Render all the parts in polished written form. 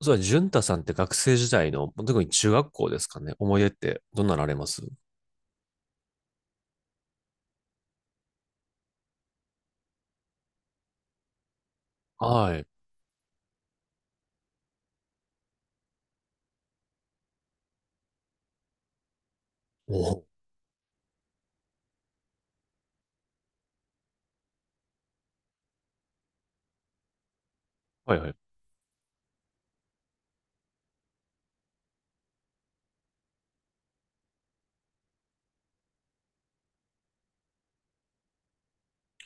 そうだね、淳太さんって学生時代の、特に中学校ですかね。思い出ってどんなのあります？はい。お、はいはい。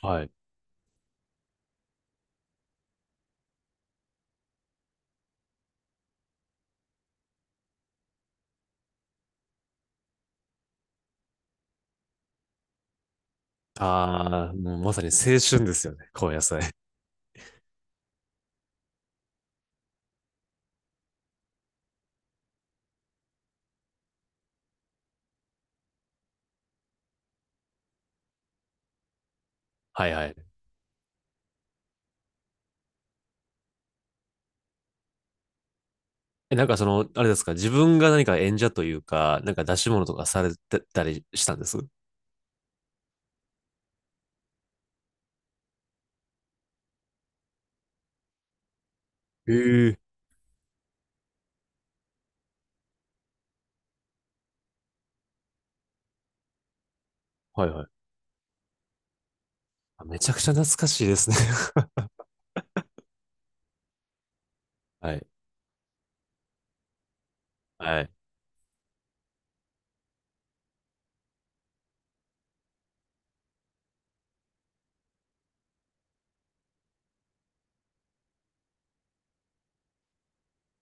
はい。ああ、もうまさに青春ですよね。高野菜。はいはい。え、なんかその、あれですか、自分が何か演者というか、なんか出し物とかされてたりしたんです？ええ、はいはい。あ、めちゃくちゃ懐かしいですね。はい。はい。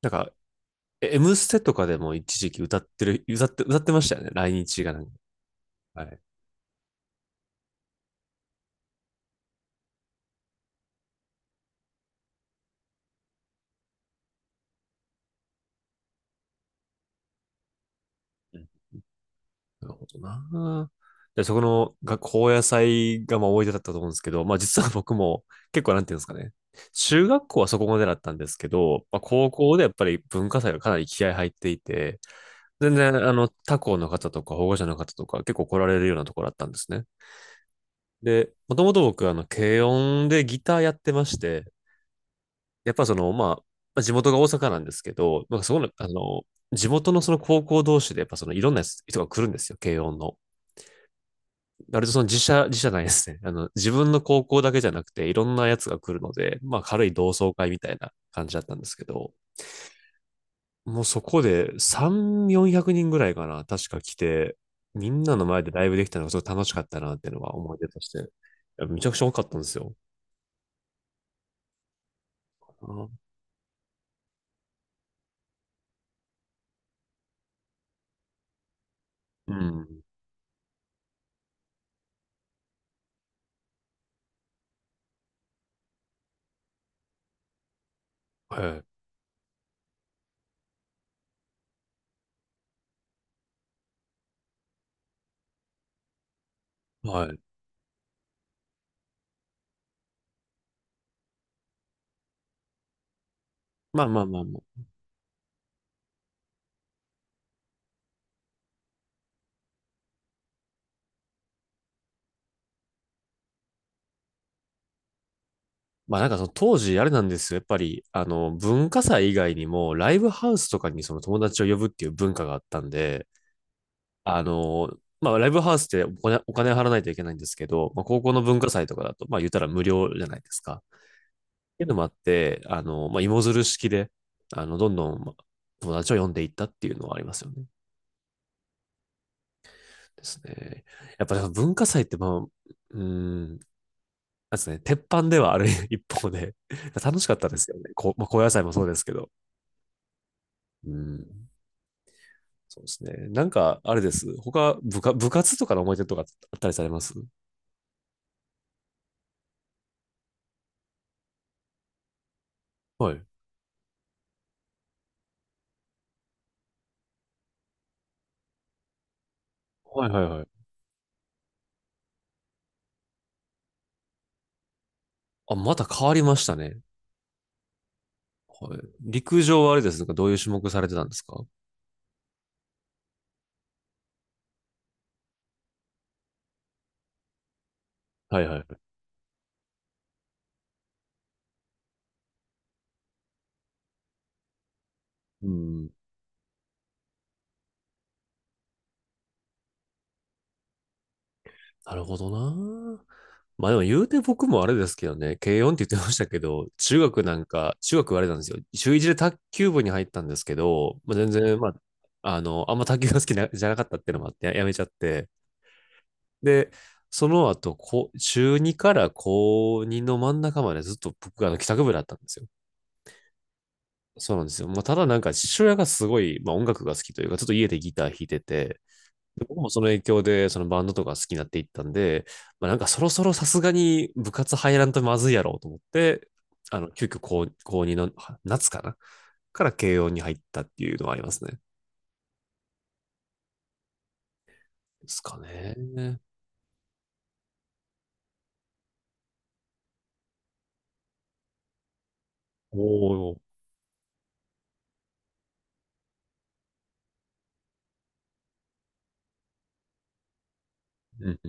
なんか、え、 M ステとかでも一時期歌ってる、歌って、歌ってましたよね。来日がなんか。はい。なるほどな。で、そこの学校野菜がまあ思い出だったと思うんですけど、まあ実は僕も結構なんていうんですかね。中学校はそこまでだったんですけど、まあ、高校でやっぱり文化祭がかなり気合入っていて、全然あの他校の方とか保護者の方とか結構来られるようなところだったんですね。で、もともと僕あの軽音でギターやってまして、やっぱそのまあ、まあ、地元が大阪なんですけど、まあ、そこのあの、地元のその高校同士でやっぱそのいろんな人が来るんですよ、軽音の。割とその自社、自社ないですね。あの、自分の高校だけじゃなくて、いろんなやつが来るので、まあ軽い同窓会みたいな感じだったんですけど、もうそこで3、400人ぐらいかな、確か来て、みんなの前でライブできたのがすごい楽しかったなっていうのは思い出として、いや、めちゃくちゃ多かったんですよ。うん。はい。はい。まあまあまあまあ。まあなんかその当時あれなんですよ。やっぱり、あの、文化祭以外にも、ライブハウスとかにその友達を呼ぶっていう文化があったんで、まあ、ライブハウスってお金、お金払わないといけないんですけど、まあ、高校の文化祭とかだと、まあ、言ったら無料じゃないですか。っていうのもあって、まあ、芋づる式で、あの、どんどん、まあ、友達を呼んでいったっていうのはありますよね。ですね。やっぱりその文化祭って、まあ、なんですね、鉄板ではある 一方で、楽しかったですよね。こう、まあ、高野菜もそうですけど。うん、そうですね。なんか、あれです。他、部下、部活とかの思い出とかあったりされます？はい。はいはいはい。あ、また変わりましたね。はい、陸上はあれですか、どういう種目されてたんですか？はいはい。うん。なるほどな。まあでも言うて僕もあれですけどね、軽音って言ってましたけど、中学なんか、中学はあれなんですよ。中1で卓球部に入ったんですけど、まあ、全然、まあ、あの、あんま卓球が好きなじゃなかったっていうのもあって、や、やめちゃって。で、その後、こう中2から高2の真ん中までずっと僕があの帰宅部だったんですよ。そうなんですよ。まあ、ただなんか父親がすごい、まあ、音楽が好きというか、ちょっと家でギター弾いてて、で僕もその影響でそのバンドとか好きになっていったんで、まあ、なんかそろそろさすがに部活入らんとまずいやろうと思って、あの、急遽高、高2のは夏かなから慶応に入ったっていうのはありますね。ですかね。お、お、うん、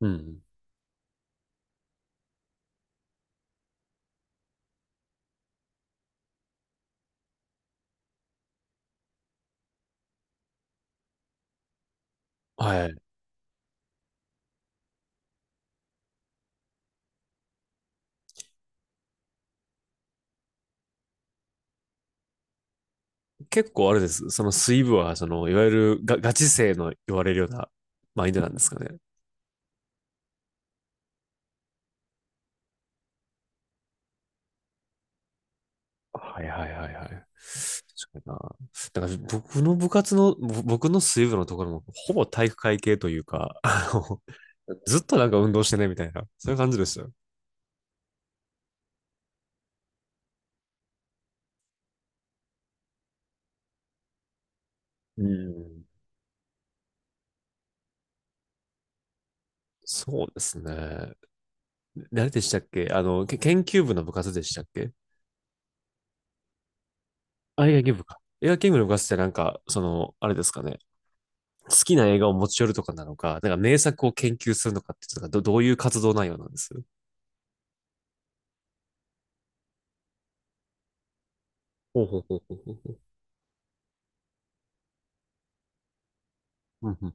うん。はい。結構あれです。その水部は、その、いわゆるガ、ガチ勢の言われるようなマインドなんですかね。はいはいはいはい。確かにな。だから僕の部活の、ぼ、僕の水部のところも、ほぼ体育会系というか、あの、ずっとなんか運動してねみたいな、そういう感じですよ。うん。そうですね。誰でしたっけ、あの、け研究部の部活でしたっけ？あ、野球部か。映画研究部の部活ってなんか、その、あれですかね。好きな映画を持ち寄るとかなのか、なんか名作を研究するのかって、かど、どういう活動内容なんです？ほうほうほうほうほう。うんうん、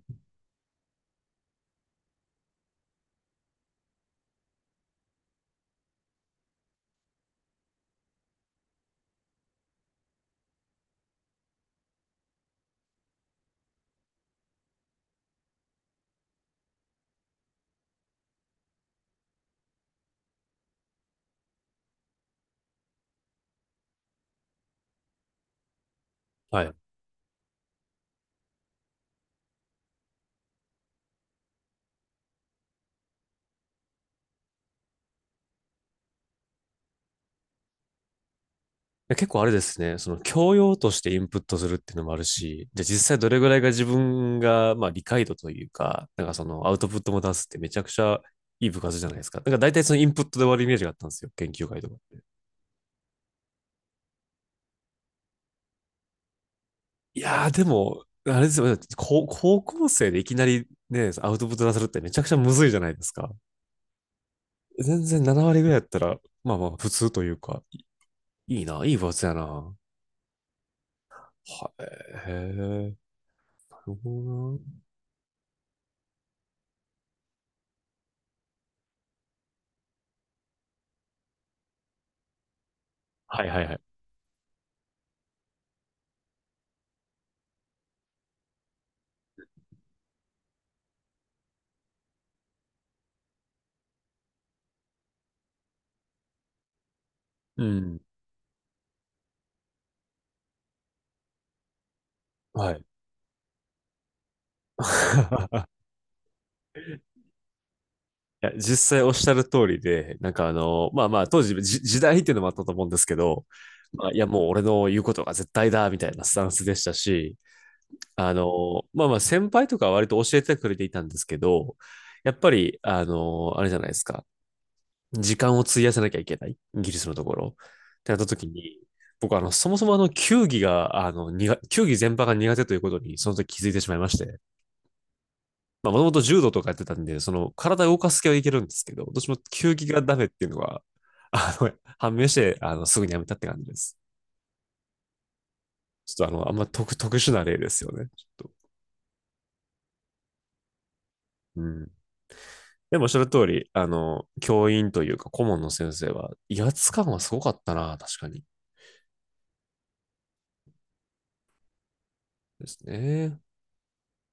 はい。や、結構あれですね、その教養としてインプットするっていうのもあるし、じゃあ実際どれぐらいが自分が、まあ理解度というか、なんかそのアウトプットも出すってめちゃくちゃいい部活じゃないですか。なんか大体そのインプットで終わるイメージがあったんですよ、研究会とか。いやーでも、あれですよ、高、高校生でいきなりね、アウトプット出せるってめちゃくちゃむずいじゃないですか。全然7割ぐらいやったら、まあまあ普通というか、いいな、いい部活やな。はい、へえ、なるほどな。はいはいはい。うん。はい。いや、実際おっしゃる通りで、なんかあの、まあまあ、当時じ時代っていうのもあったと思うんですけど、まあ、いや、もう俺の言うことが絶対だ、みたいなスタンスでしたし、あの、まあまあ、先輩とかは割と教えてくれていたんですけど、やっぱり、あの、あれじゃないですか、時間を費やさなきゃいけない、イギリスのところ。ってなった時に、僕はあの、そもそもあの、球技が、あの、苦球技全般が苦手ということに、その時気づいてしまいまして。まあ、もともと柔道とかやってたんで、その体を動かす系はいけるんですけど、どっちも球技がダメっていうのは、あの、判明して、あの、すぐにやめたって感じです。ちょっとあの、あんま特、特殊な例ですよね。ちょっと。うん。でもおっしゃる通り、あの、教員というか顧問の先生は、威圧感はすごかったな、確かに。ですね。